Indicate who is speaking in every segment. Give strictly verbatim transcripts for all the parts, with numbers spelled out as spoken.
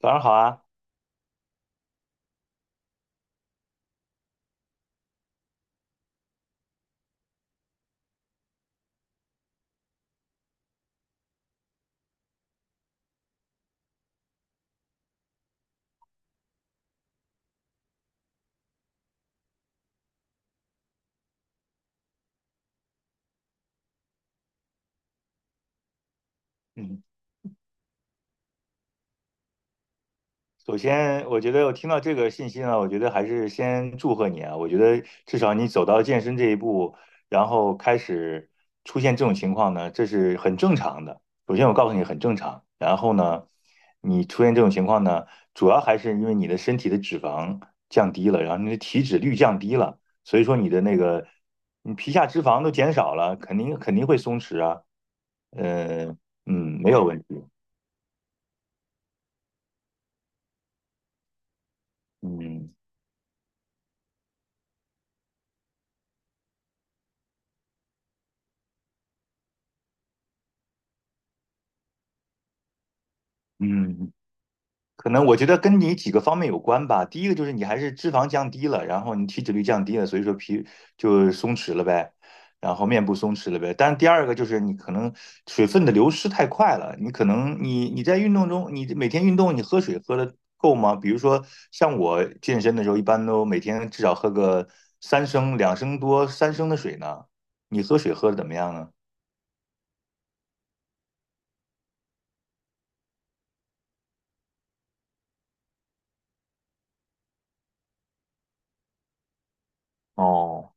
Speaker 1: 早上好啊，嗯，首先我觉得我听到这个信息呢，我觉得还是先祝贺你啊，我觉得至少你走到健身这一步，然后开始出现这种情况呢，这是很正常的。首先我告诉你很正常，然后呢，你出现这种情况呢，主要还是因为你的身体的脂肪降低了，然后你的体脂率降低了，所以说你的那个你皮下脂肪都减少了，肯定肯定会松弛啊，嗯嗯，没有问题，嗯嗯。可能我觉得跟你几个方面有关吧。第一个就是你还是脂肪降低了，然后你体脂率降低了，所以说皮就松弛了呗，然后面部松弛了呗。但是第二个就是你可能水分的流失太快了，你可能你你在运动中，你每天运动你喝水喝的够吗？比如说像我健身的时候，一般都每天至少喝个三升、两升多、三升的水呢。你喝水喝的怎么样呢？哦。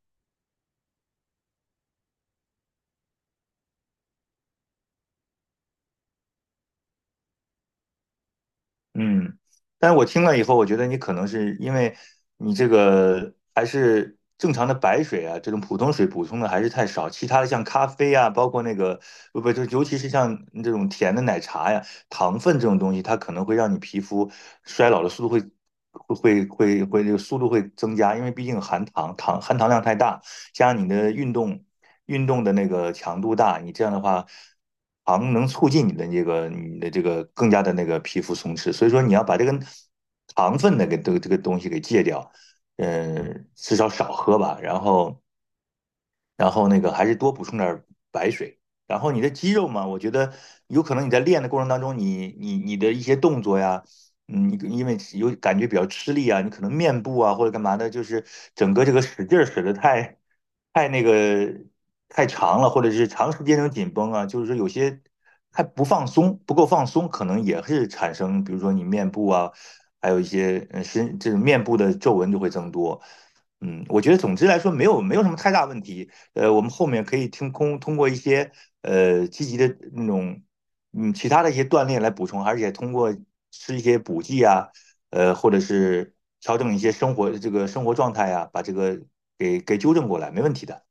Speaker 1: 嗯，但是我听了以后，我觉得你可能是因为你这个还是正常的白水啊，这种普通水补充的还是太少。其他的像咖啡啊，包括那个不不，就尤其是像这种甜的奶茶呀，糖分这种东西，它可能会让你皮肤衰老的速度会会会会会这个速度会增加，因为毕竟含糖糖含糖量太大。加上你的运动运动的那个强度大，你这样的话，糖能促进你的这个你的这个更加的那个皮肤松弛。所以说你要把这个糖分的给这个这个东西给戒掉，嗯，至少少喝吧。然后然后那个还是多补充点儿白水。然后你的肌肉嘛，我觉得有可能你在练的过程当中，你你你的一些动作呀，嗯，你因为有感觉比较吃力啊，你可能面部啊或者干嘛的，就是整个这个使劲儿使得太太那个太长了，或者是长时间那种紧绷啊，就是说有些还不放松，不够放松，可能也是产生，比如说你面部啊，还有一些嗯身这种面部的皱纹就会增多。嗯，我觉得总之来说没有没有什么太大问题。呃，我们后面可以听通通过一些呃积极的那种嗯其他的一些锻炼来补充，而且通过吃一些补剂啊，呃，或者是调整一些生活这个生活状态啊，把这个给给纠正过来，没问题的。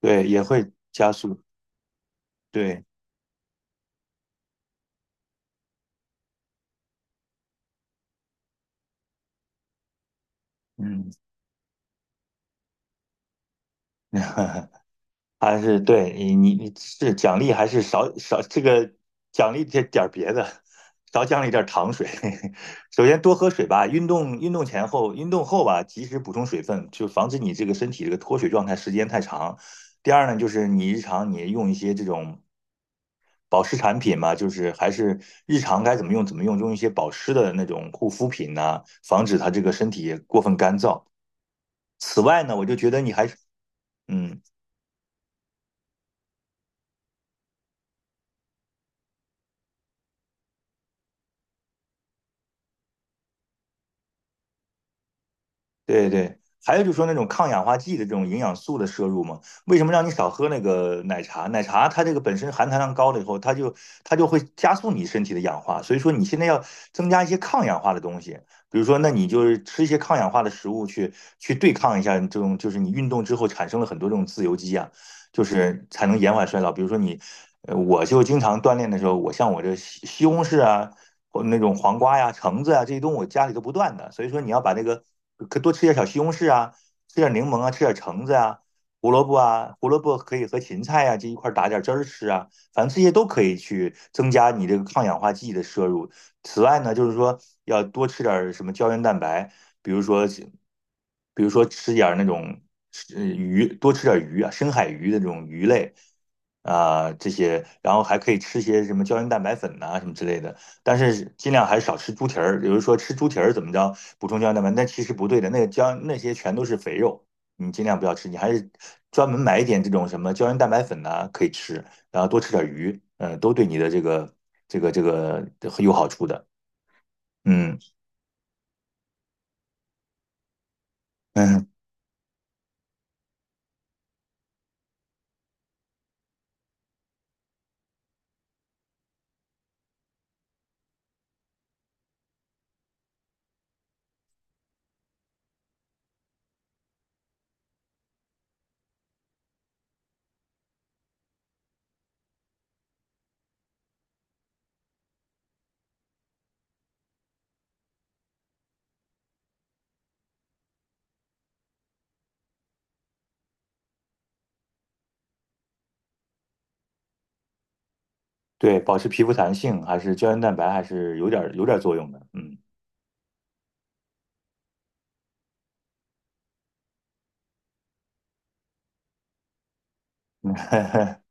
Speaker 1: 对，也会加速。对，嗯。还是对你你你是奖励还是少少这个奖励这点儿别的，少奖励点儿糖水。首先多喝水吧，运动运动前后运动后吧，及时补充水分，就防止你这个身体这个脱水状态时间太长。第二呢，就是你日常你用一些这种保湿产品嘛，就是还是日常该怎么用怎么用，用一些保湿的那种护肤品呐、防止它这个身体过分干燥。此外呢，我就觉得你还是嗯对对，还有就是说那种抗氧化剂的这种营养素的摄入嘛，为什么让你少喝那个奶茶？奶茶它这个本身含糖量高了以后，它就它就会加速你身体的氧化，所以说你现在要增加一些抗氧化的东西，比如说那你就是吃一些抗氧化的食物去去对抗一下这种，就是你运动之后产生了很多这种自由基啊，就是才能延缓衰老。比如说你呃，我就经常锻炼的时候，我像我这西西红柿啊，或那种黄瓜呀、橙子啊这些东西，我家里都不断的。所以说，你要把那个可多吃点小西红柿啊，吃点柠檬啊，吃点橙子啊，胡萝卜啊，胡萝卜可以和芹菜啊这一块打点汁儿吃啊，反正这些都可以去增加你这个抗氧化剂的摄入。此外呢，就是说要多吃点儿什么胶原蛋白，比如说，比如说吃点儿那种呃鱼，多吃点儿鱼啊，深海鱼的这种鱼类啊，这些，然后还可以吃些什么胶原蛋白粉呐、什么之类的。但是尽量还是少吃猪蹄儿。有人说吃猪蹄儿怎么着补充胶原蛋白，但其实不对的，那个胶那些全都是肥肉，你尽量不要吃。你还是专门买一点这种什么胶原蛋白粉呐、可以吃。然后多吃点鱼，嗯，都对你的这个这个这个很有好处的。嗯嗯，对，保持皮肤弹性还是胶原蛋白还是有点有点作用的。嗯。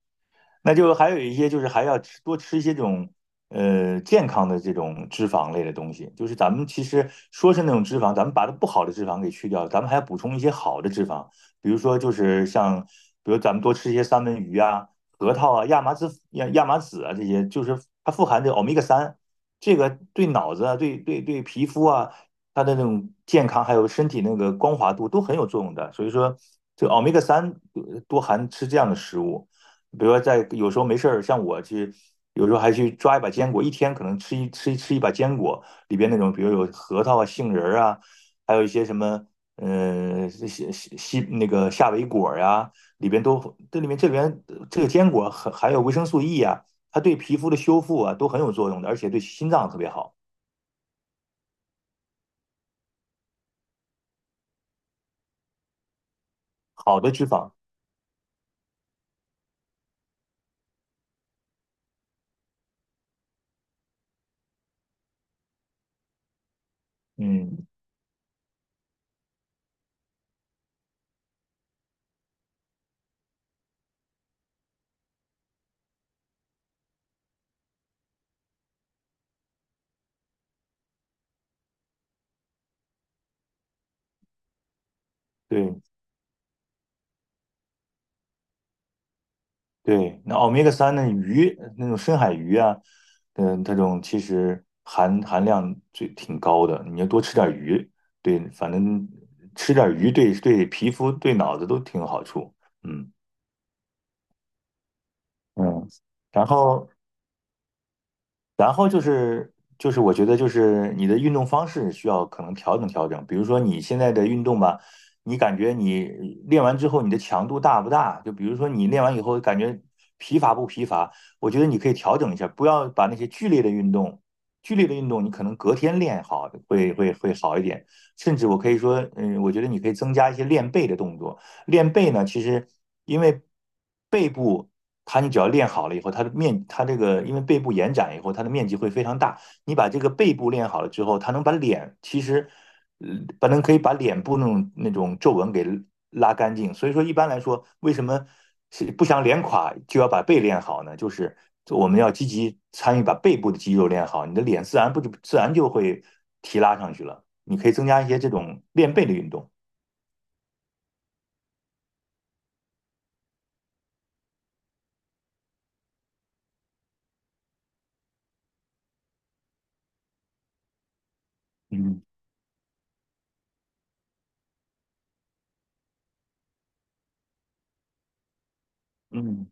Speaker 1: 那就还有一些就是还要吃多吃一些这种呃健康的这种脂肪类的东西，就是咱们其实说是那种脂肪，咱们把它不好的脂肪给去掉，咱们还要补充一些好的脂肪，比如说就是像比如咱们多吃一些三文鱼啊、核桃啊、亚麻籽亚亚麻籽啊这些，就是它富含这个欧米伽三，这个对脑子啊、对对对皮肤啊，它的那种健康还有身体那个光滑度都很有作用的，所以说这个欧米伽三呃多含吃这样的食物。比如说在有时候没事儿，像我去，有时候还去抓一把坚果，一天可能吃一吃一吃一把坚果，里边那种比如有核桃啊、杏仁儿啊，还有一些什么，嗯、西西西那个夏威果呀、里边都这里面这里边这个坚果很含有维生素 E 啊，它对皮肤的修复啊都很有作用的，而且对心脏特别好，好的脂肪，嗯，对。对，那欧米伽三那鱼那种深海鱼啊，嗯，它这种其实含含量最挺高的，你要多吃点鱼，对，反正吃点鱼对对皮肤对脑子都挺有好处，嗯嗯，然后然后就是就是我觉得就是你的运动方式需要可能调整调整，比如说你现在的运动吧，你感觉你练完之后你的强度大不大？就比如说你练完以后感觉疲乏不疲乏？我觉得你可以调整一下，不要把那些剧烈的运动，剧烈的运动你可能隔天练好会会会好一点，甚至我可以说，嗯，我觉得你可以增加一些练背的动作。练背呢，其实因为背部，它你只要练好了以后，它的面，它这个因为背部延展以后，它的面积会非常大。你把这个背部练好了之后，它能把脸，其实，呃把能可以把脸部那种那种皱纹给拉干净。所以说，一般来说，为什么是不想脸垮就要把背练好呢？就是我们要积极参与把背部的肌肉练好，你的脸自然不就自然就会提拉上去了。你可以增加一些这种练背的运动。嗯嗯。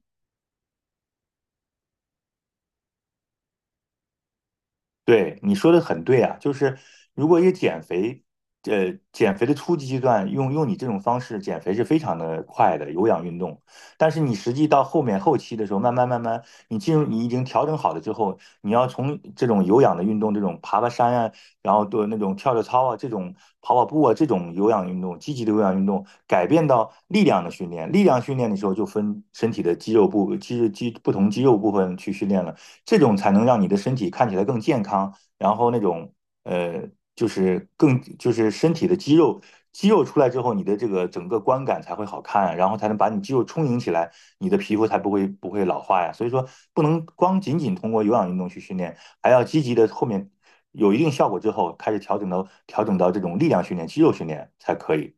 Speaker 1: 对，你说的很对啊，就是如果一个减肥，呃，减肥的初级阶段用用你这种方式减肥是非常的快的有氧运动，但是你实际到后面后期的时候，慢慢慢慢，你进入你已经调整好了之后，你要从这种有氧的运动，这种爬爬山啊，然后做那种跳跳操啊，这种跑跑步啊，这种有氧运动，积极的有氧运动，改变到力量的训练。力量训练的时候就分身体的肌肉部肌肌不同肌肉部分去训练了。这种才能让你的身体看起来更健康，然后那种呃，就是更就是身体的肌肉肌肉出来之后，你的这个整个观感才会好看啊，然后才能把你肌肉充盈起来，你的皮肤才不会不会老化呀。所以说，不能光仅仅通过有氧运动去训练，还要积极的后面有一定效果之后，开始调整到调整到这种力量训练、肌肉训练才可以。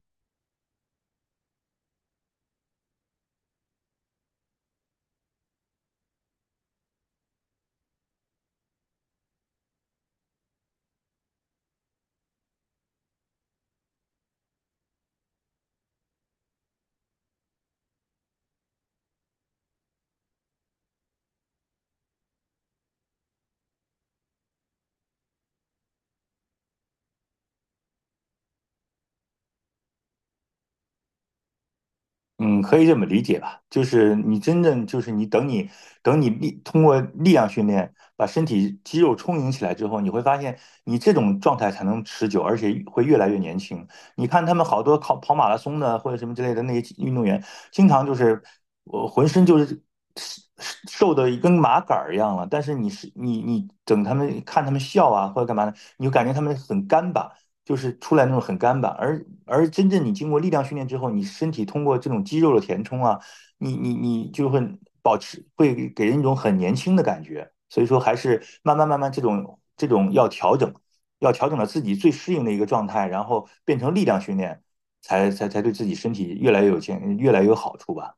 Speaker 1: 嗯，可以这么理解吧，就是你真正就是你等你等你力通过力量训练把身体肌肉充盈起来之后，你会发现你这种状态才能持久，而且会越来越年轻。你看他们好多跑跑马拉松的或者什么之类的那些运动员，经常就是我浑身就是瘦瘦的跟麻杆儿一样了，但是你是你你等他们看他们笑啊或者干嘛的，你就感觉他们很干巴，就是出来那种很干巴，而而真正你经过力量训练之后，你身体通过这种肌肉的填充啊，你你你就会保持，会给人一种很年轻的感觉。所以说，还是慢慢慢慢这种这种要调整，要调整到自己最适应的一个状态，然后变成力量训练，才才才对自己身体越来越有健，越来越有好处吧。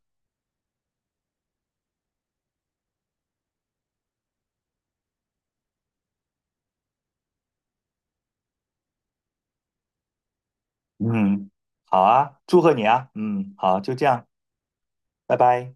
Speaker 1: 嗯，好啊，祝贺你啊。嗯，好，就这样，拜拜。